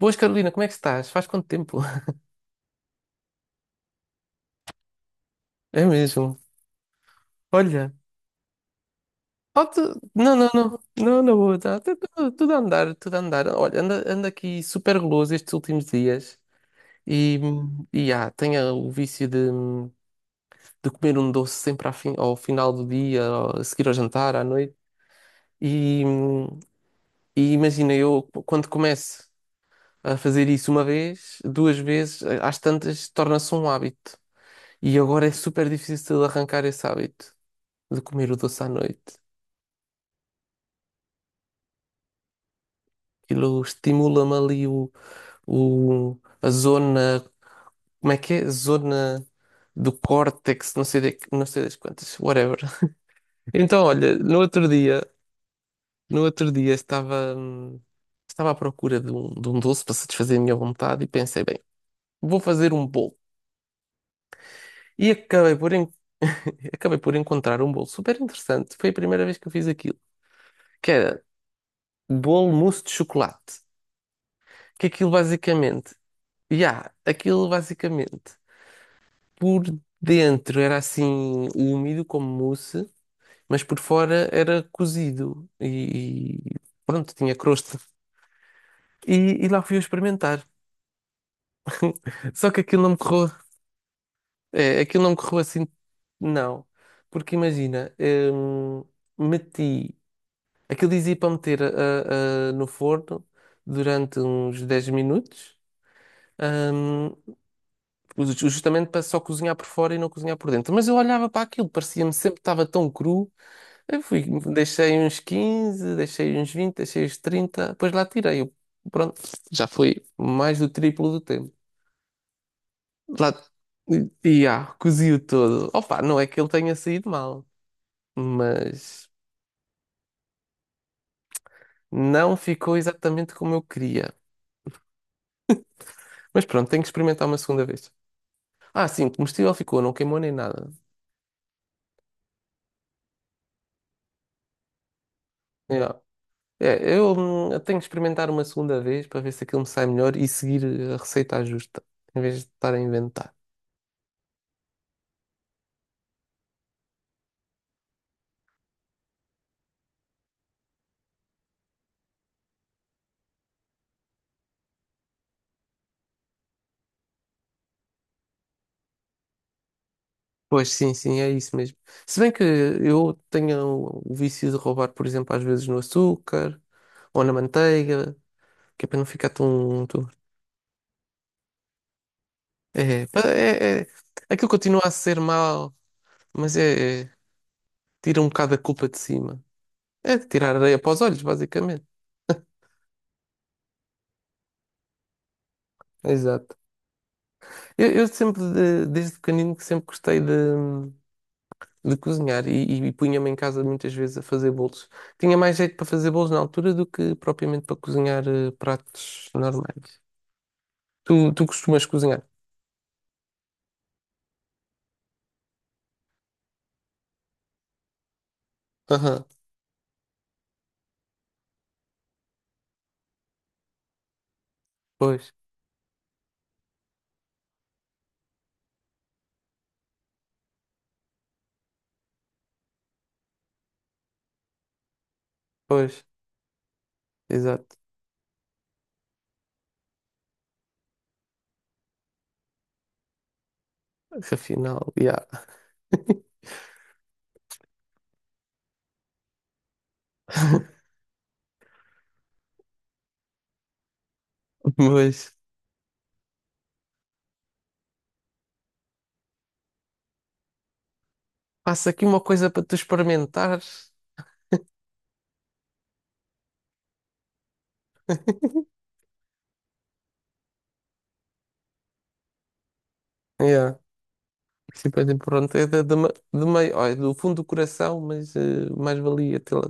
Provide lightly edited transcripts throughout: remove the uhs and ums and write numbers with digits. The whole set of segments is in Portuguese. Boas, Carolina, como é que estás? Faz quanto tempo? É mesmo. Olha. Oh, tu- Não, não, não. Não, não vou. Tá, tá tudo, tudo a andar, tudo a andar. Olha, ando aqui super guloso estes últimos dias e, e tenho o vício de, comer um doce sempre ao final do dia, a seguir ao jantar, à noite. E, e imagina, eu quando começo a fazer isso uma vez, duas vezes, às tantas, torna-se um hábito. E agora é super difícil de arrancar esse hábito de comer o doce à noite. Aquilo estimula-me ali a zona, como é que é? Zona do córtex, não sei, não sei das quantas, whatever. Então, olha, no outro dia, no outro dia estava à procura de um doce para satisfazer a minha vontade e pensei, bem, vou fazer um bolo. E acabei por encontrar um bolo super interessante. Foi a primeira vez que eu fiz aquilo, que era bolo mousse de chocolate. Que aquilo basicamente E há, Aquilo basicamente, por dentro era assim úmido como mousse, mas por fora era cozido e pronto, tinha crosta. E, e lá fui eu experimentar. Só que aquilo não me correu, aquilo não me correu assim, não. Porque imagina, meti, aquilo dizia para meter no forno durante uns 10 minutos. hum, Justamente para só cozinhar por fora e não cozinhar por dentro. Mas eu olhava para aquilo, parecia-me sempre que estava tão cru. Eu fui, deixei uns 15, deixei uns 20, deixei uns 30. Depois lá tirei. Pronto, já foi mais do triplo do tempo. Lá, e cozi-o todo. Opa, não é que ele tenha saído mal, mas não ficou exatamente como eu queria. Mas pronto, tenho que experimentar uma segunda vez. Ah, sim, comestível ficou, não queimou nem nada. É, eu tenho que experimentar uma segunda vez para ver se aquilo me sai melhor e seguir a receita à justa, em vez de estar a inventar. Pois sim, sim, é isso mesmo. Se bem que eu tenho o vício de roubar, por exemplo, às vezes no açúcar ou na manteiga, que é para não ficar tão. É, pá, aquilo continua a ser mau, mas tira um bocado a culpa de cima. É tirar areia para os olhos, basicamente. Exato. Eu sempre, desde pequenino, que sempre gostei de cozinhar e punha-me em casa muitas vezes a fazer bolos. Tinha mais jeito para fazer bolos na altura do que propriamente para cozinhar pratos normais. Tu costumas cozinhar? Aham, Pois, pois, exato. Afinal, yeah. Mas faço aqui uma coisa para tu experimentares. Yeah. Sim, pois, é, pronto, é de meio, ó, é do fundo do coração, mas mais valia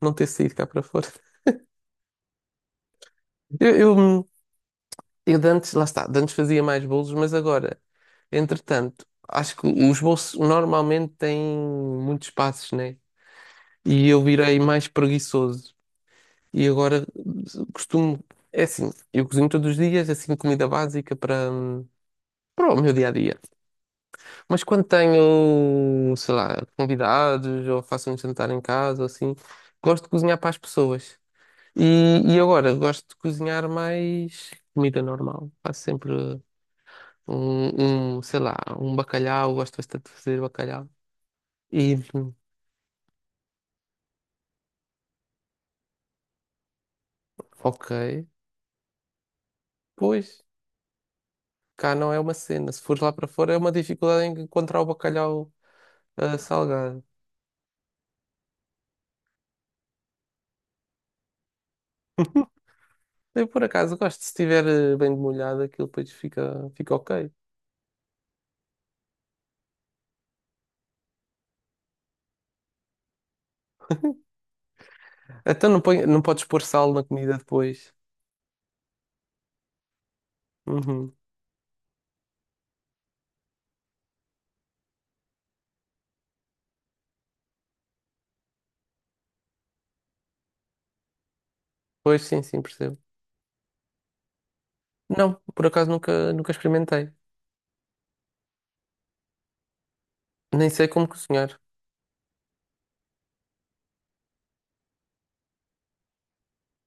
não ter saído cá para fora. Eu, eu, hum, eu de antes, lá está, de antes fazia mais bolos, mas agora, entretanto, acho que os bolos normalmente têm muitos passos, né? E eu virei mais preguiçoso. E agora costumo, é assim, eu cozinho todos os dias, assim, comida básica para o meu dia a dia. Mas quando tenho, sei lá, convidados ou faço um jantar em casa ou assim, gosto de cozinhar para as pessoas. E agora gosto de cozinhar mais comida normal. Faço sempre um, sei lá, um bacalhau, gosto bastante de fazer bacalhau. E ok, pois cá não é uma cena. Se fores lá para fora é uma dificuldade em encontrar o bacalhau salgado. Eu por acaso gosto, se estiver bem demolhado, aquilo depois fica ok. Então não, põe, não podes pôr sal na comida depois. Uhum. Pois sim, sim, percebo. Não, por acaso nunca, nunca experimentei. Nem sei como cozinhar.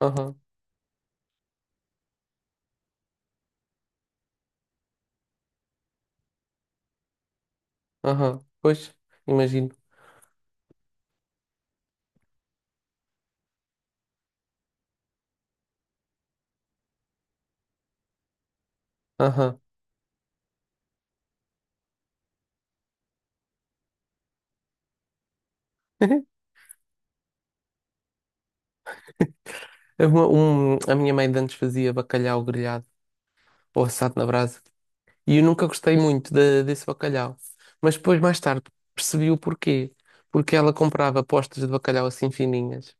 Aham, aham. Pois, imagino. Aham. A minha mãe de antes fazia bacalhau grelhado ou assado na brasa. E eu nunca gostei muito desse bacalhau. Mas depois, mais tarde, percebi o porquê. Porque ela comprava postas de bacalhau assim fininhas.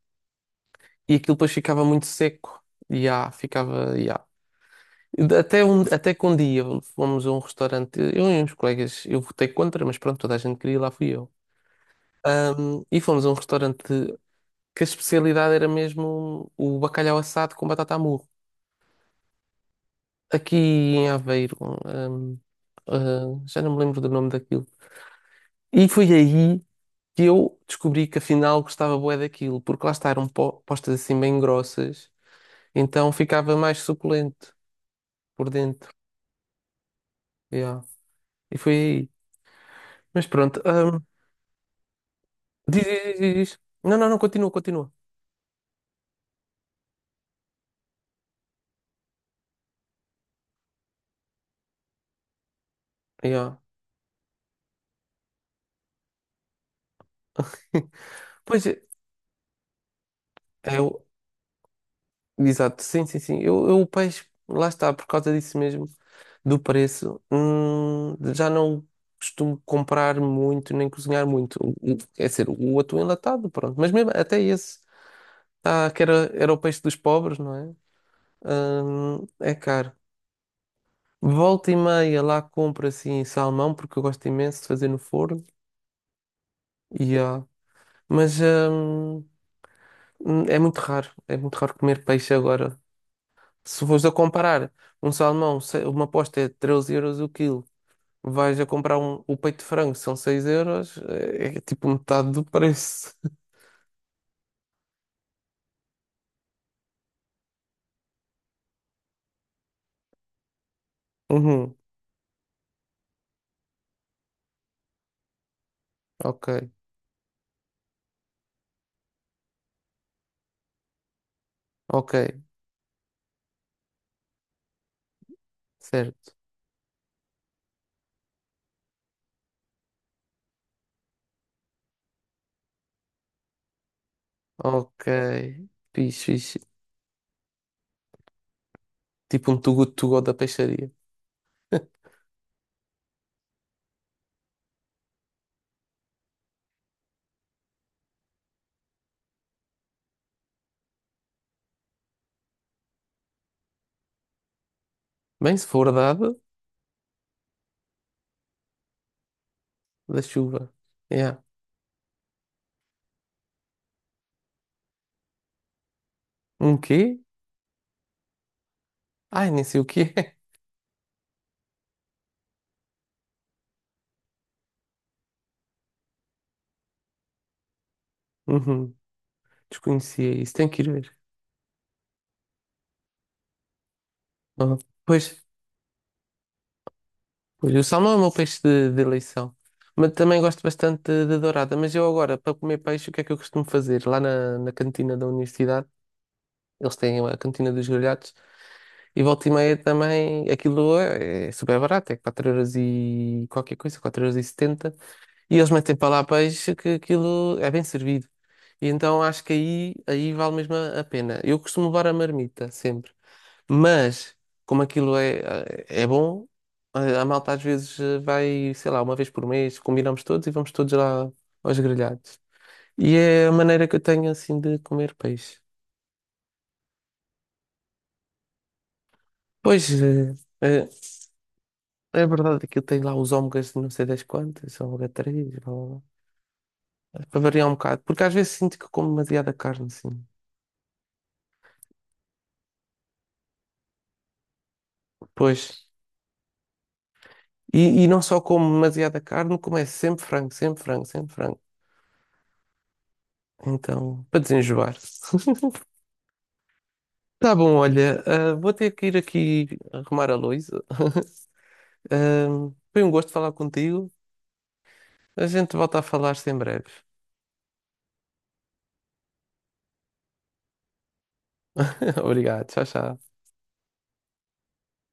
E aquilo depois ficava muito seco. E ficava. Até que um dia fomos a um restaurante, eu e uns colegas, eu votei contra, mas pronto, toda a gente queria ir lá, fui eu. E fomos a um restaurante que a especialidade era mesmo o bacalhau assado com batata à murro. Aqui em Aveiro, ahm, já não me lembro do nome daquilo. E foi aí que eu descobri que afinal gostava bué daquilo, porque lá está, eram postas assim bem grossas, então ficava mais suculento por dentro. Yeah. E foi aí. Mas pronto. Diz, diz, diz, diz. Não, não, não, continua, continua. Yeah. Pois é, eu, exato, sim, sim, sim. Eu o peixe, lá está, por causa disso mesmo, do preço, já não costumo comprar muito nem cozinhar muito. É ser o atum enlatado, pronto. Mas mesmo até esse, que era o peixe dos pobres, não é? É caro. Volta e meia lá compro assim salmão, porque eu gosto imenso de fazer no forno. Yeah. Mas. hum, é muito raro comer peixe agora. Se fores a comparar um salmão, uma posta é 13 euros o quilo, vais a comprar o peito de frango, são 6 euros, é tipo metade do preço. Uhum, ok, ok, certo, ok, fixe, fixe. Tipo um too good to go da peixaria. Bem, se for dado, da chuva. Yeah. Um quê? Ai, nem sei o que é. Uhum. Desconhecia isso, tenho que ir ver. Ah, pois, pois, o salmão é o meu peixe de eleição. Mas também gosto bastante de dourada. Mas eu agora, para comer peixe, o que é que eu costumo fazer? Lá na cantina da universidade, eles têm a cantina dos grelhados. E volta e meia também, aquilo é super barato, é 4 euros e qualquer coisa, 4,70 euros. E eles metem para lá peixe que aquilo é bem servido. E então acho que aí vale mesmo a pena. Eu costumo levar a marmita sempre. Mas, como aquilo é bom, a malta às vezes vai, sei lá, uma vez por mês, combinamos todos e vamos todos lá aos grelhados. E é a maneira que eu tenho assim de comer peixe. Pois, eh, é verdade que eu tenho lá os ômegas de não sei das quantas, ômega 3, blá, blá, blá. Para variar um bocado, porque às vezes sinto que como demasiada carne, assim. Pois. E não só como demasiada carne, como é sempre frango, sempre frango, sempre frango. Então, para desenjoar. Tá bom, olha, vou ter que ir aqui arrumar a louça. Ah, foi um gosto falar contigo. A gente volta a falar-se em breve. Obrigado, tchau, tchau.